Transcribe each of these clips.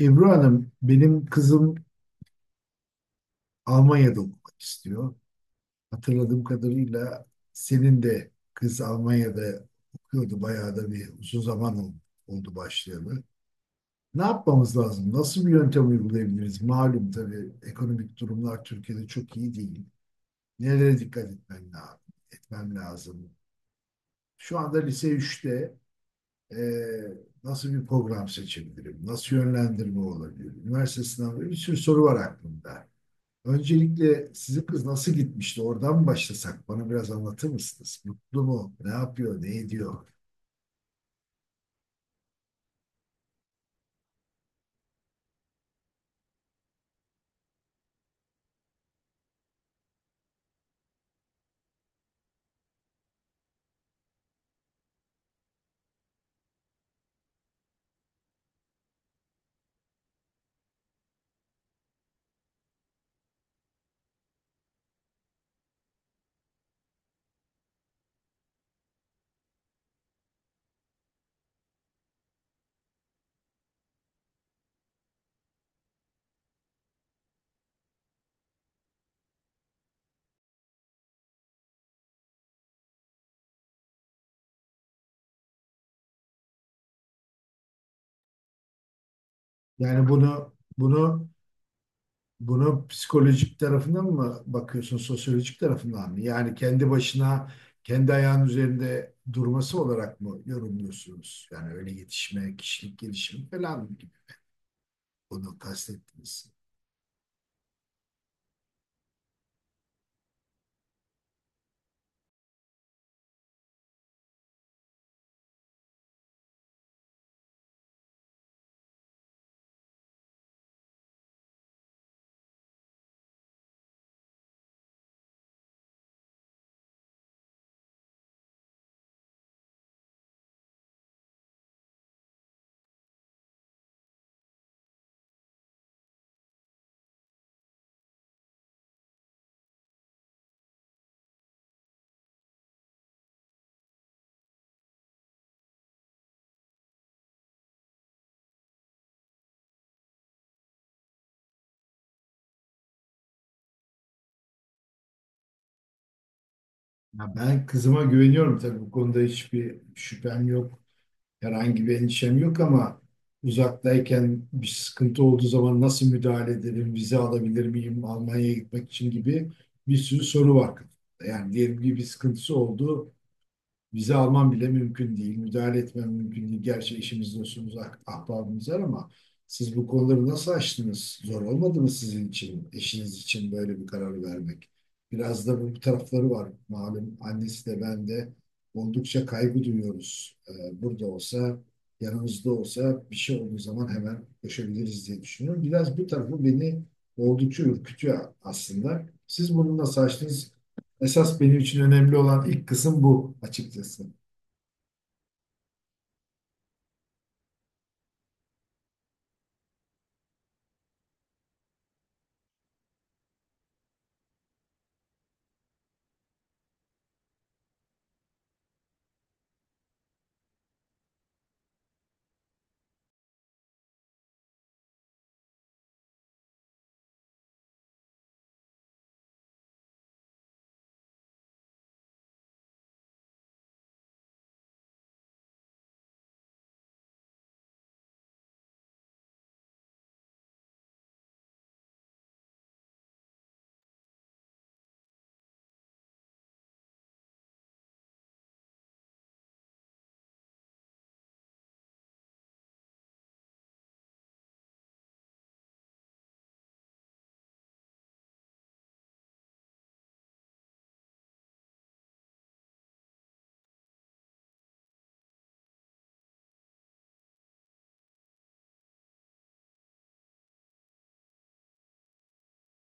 Ebru Hanım, benim kızım Almanya'da okumak istiyor. Hatırladığım kadarıyla senin de kız Almanya'da okuyordu. Bayağı da bir uzun zaman oldu başlayalı. Ne yapmamız lazım? Nasıl bir yöntem uygulayabiliriz? Malum tabii ekonomik durumlar Türkiye'de çok iyi değil. Nelere dikkat etmem lazım? Etmem lazım. Şu anda lise üçte eee, nasıl bir program seçebilirim? Nasıl yönlendirme olabilir? Üniversite sınavı, bir sürü soru var aklımda. Öncelikle sizin kız nasıl gitmişti? Oradan mı başlasak? Bana biraz anlatır mısınız? Mutlu mu? Ne yapıyor? Ne ediyor? Yani bunu psikolojik tarafından mı bakıyorsun, sosyolojik tarafından mı? Yani kendi başına, kendi ayağının üzerinde durması olarak mı yorumluyorsunuz? Yani öyle yetişme, kişilik gelişimi falan gibi onu kastettiniz. Ya, ben kızıma güveniyorum tabii, bu konuda hiçbir şüphem yok. Herhangi bir endişem yok ama uzaktayken bir sıkıntı olduğu zaman nasıl müdahale ederim, vize alabilir miyim Almanya'ya gitmek için gibi bir sürü soru var kafamda. Yani diyelim ki bir sıkıntısı oldu. Vize alman bile mümkün değil. Müdahale etmem mümkün değil. Gerçi eşimiz, dostumuz, ahbabımız var ama siz bu konuları nasıl aştınız? Zor olmadı mı sizin için, eşiniz için böyle bir karar vermek? Biraz da bu tarafları var. Malum annesi de ben de oldukça kaygı duyuyoruz. Burada olsa, yanımızda olsa bir şey olduğu zaman hemen koşabiliriz diye düşünüyorum. Biraz bu tarafı beni oldukça ürkütüyor aslında. Siz bunu nasıl aştınız? Esas benim için önemli olan ilk kısım bu, açıkçası.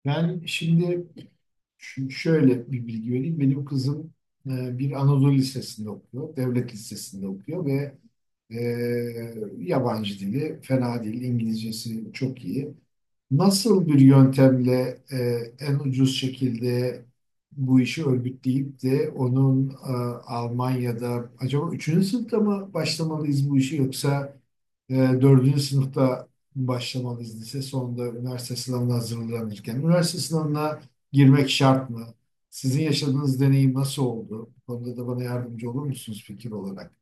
Yani şimdi şöyle bir bilgi vereyim. Benim kızım bir Anadolu Lisesi'nde okuyor, devlet lisesinde okuyor ve e, yabancı dili fena değil, İngilizcesi çok iyi. Nasıl bir yöntemle en ucuz şekilde bu işi örgütleyip de onun Almanya'da, acaba üçüncü sınıfta mı başlamalıyız bu işi, yoksa dördüncü sınıfta mı başlamalıyız lise sonunda üniversite sınavına hazırlanırken? Üniversite sınavına girmek şart mı? Sizin yaşadığınız deneyim nasıl oldu? Bu konuda da bana yardımcı olur musunuz fikir olarak?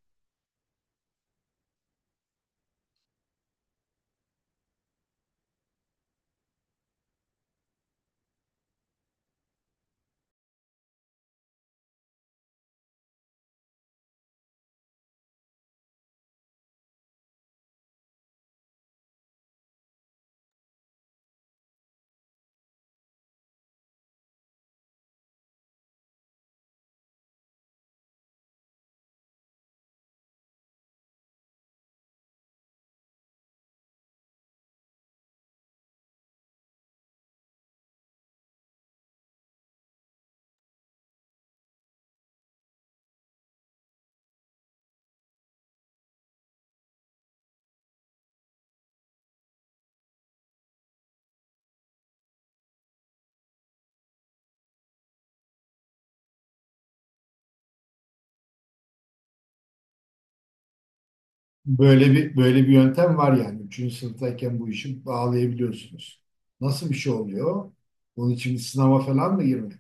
Böyle bir yöntem var yani. Üçüncü sınıftayken bu işi bağlayabiliyorsunuz. Nasıl bir şey oluyor? Bunun için bir sınava falan mı girmek?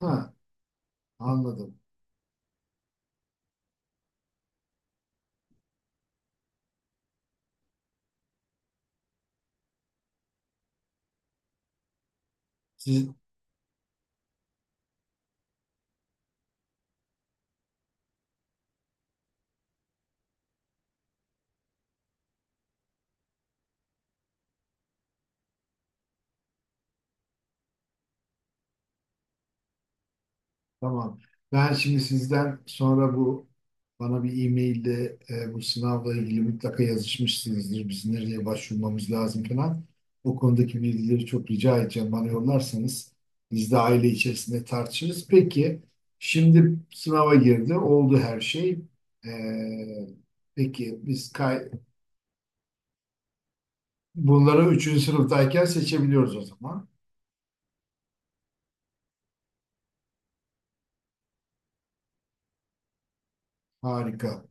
Ha, anladım. Siz, Tamam. Ben şimdi sizden sonra bu, bana bir e-mailde bu sınavla ilgili mutlaka yazışmışsınızdır. Biz nereye başvurmamız lazım falan. O konudaki bilgileri çok rica edeceğim. Bana yollarsanız biz de aile içerisinde tartışırız. Peki şimdi sınava girdi. Oldu her şey. E, peki biz kay bunları 3. sınıftayken seçebiliyoruz o zaman. Harika.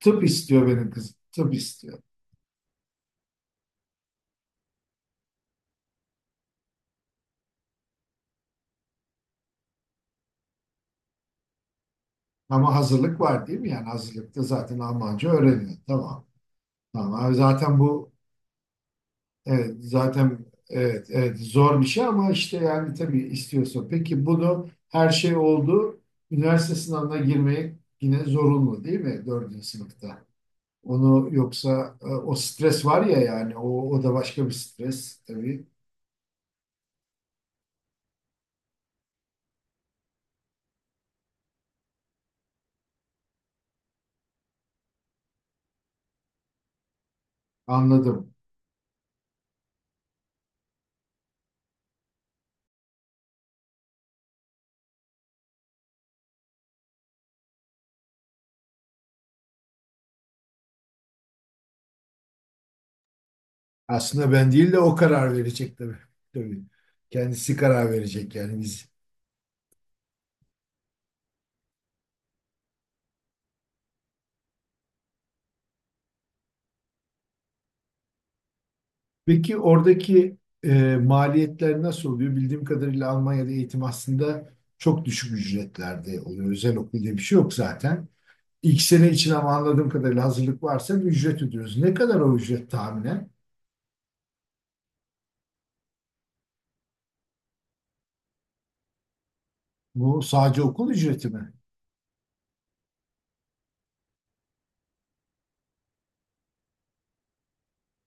Tıp istiyor benim kızım. Tıp istiyor. Ama hazırlık var değil mi? Yani hazırlıkta zaten Almanca öğreniyor. Tamam. Tamam. Abi zaten bu evet, zaten evet, evet zor bir şey ama işte yani tabii istiyorsun. Peki bunu her şey oldu. Üniversite sınavına girmek yine zorunlu değil mi, dördüncü sınıfta? Onu yoksa o stres var ya, yani o da başka bir stres tabii. Anladım. Aslında ben değil de o karar verecek tabii. Tabii. Kendisi karar verecek yani biz. Peki oradaki maliyetler nasıl oluyor? Bildiğim kadarıyla Almanya'da eğitim aslında çok düşük ücretlerde oluyor. Özel okul diye bir şey yok zaten. İlk sene için ama anladığım kadarıyla hazırlık varsa bir ücret ödüyoruz. Ne kadar o ücret tahminen? Bu sadece okul ücreti mi?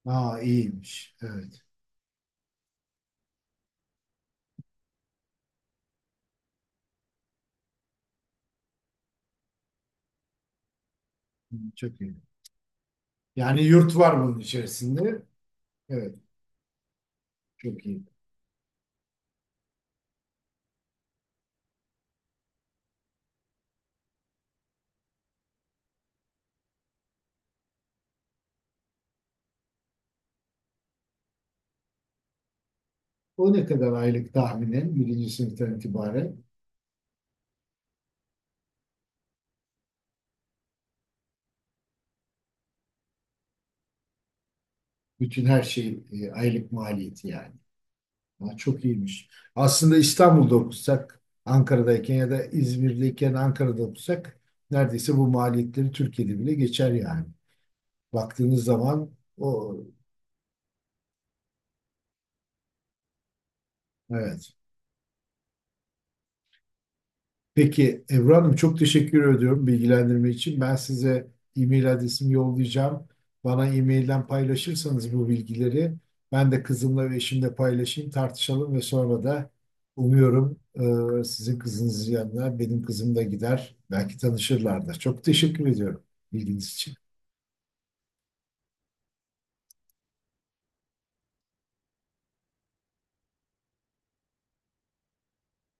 Aa, iyiymiş. Evet. Hı, çok iyi. Yani yurt var bunun içerisinde. Evet. Çok iyi. O ne kadar aylık tahminen? Birinci sınıftan itibaren. Bütün her şey aylık maliyeti yani. Ha, çok iyiymiş. Aslında İstanbul'da okusak, Ankara'dayken ya da İzmir'deyken Ankara'da okusak neredeyse bu maliyetleri Türkiye'de bile geçer yani. Baktığınız zaman o, evet. Peki Ebru Hanım, çok teşekkür ediyorum bilgilendirme için. Ben size e-mail adresimi yollayacağım. Bana e-mailden paylaşırsanız bu bilgileri ben de kızımla ve eşimle paylaşayım, tartışalım ve sonra da umuyorum sizin kızınızın yanına benim kızım da gider. Belki tanışırlar da. Çok teşekkür ediyorum bilginiz için.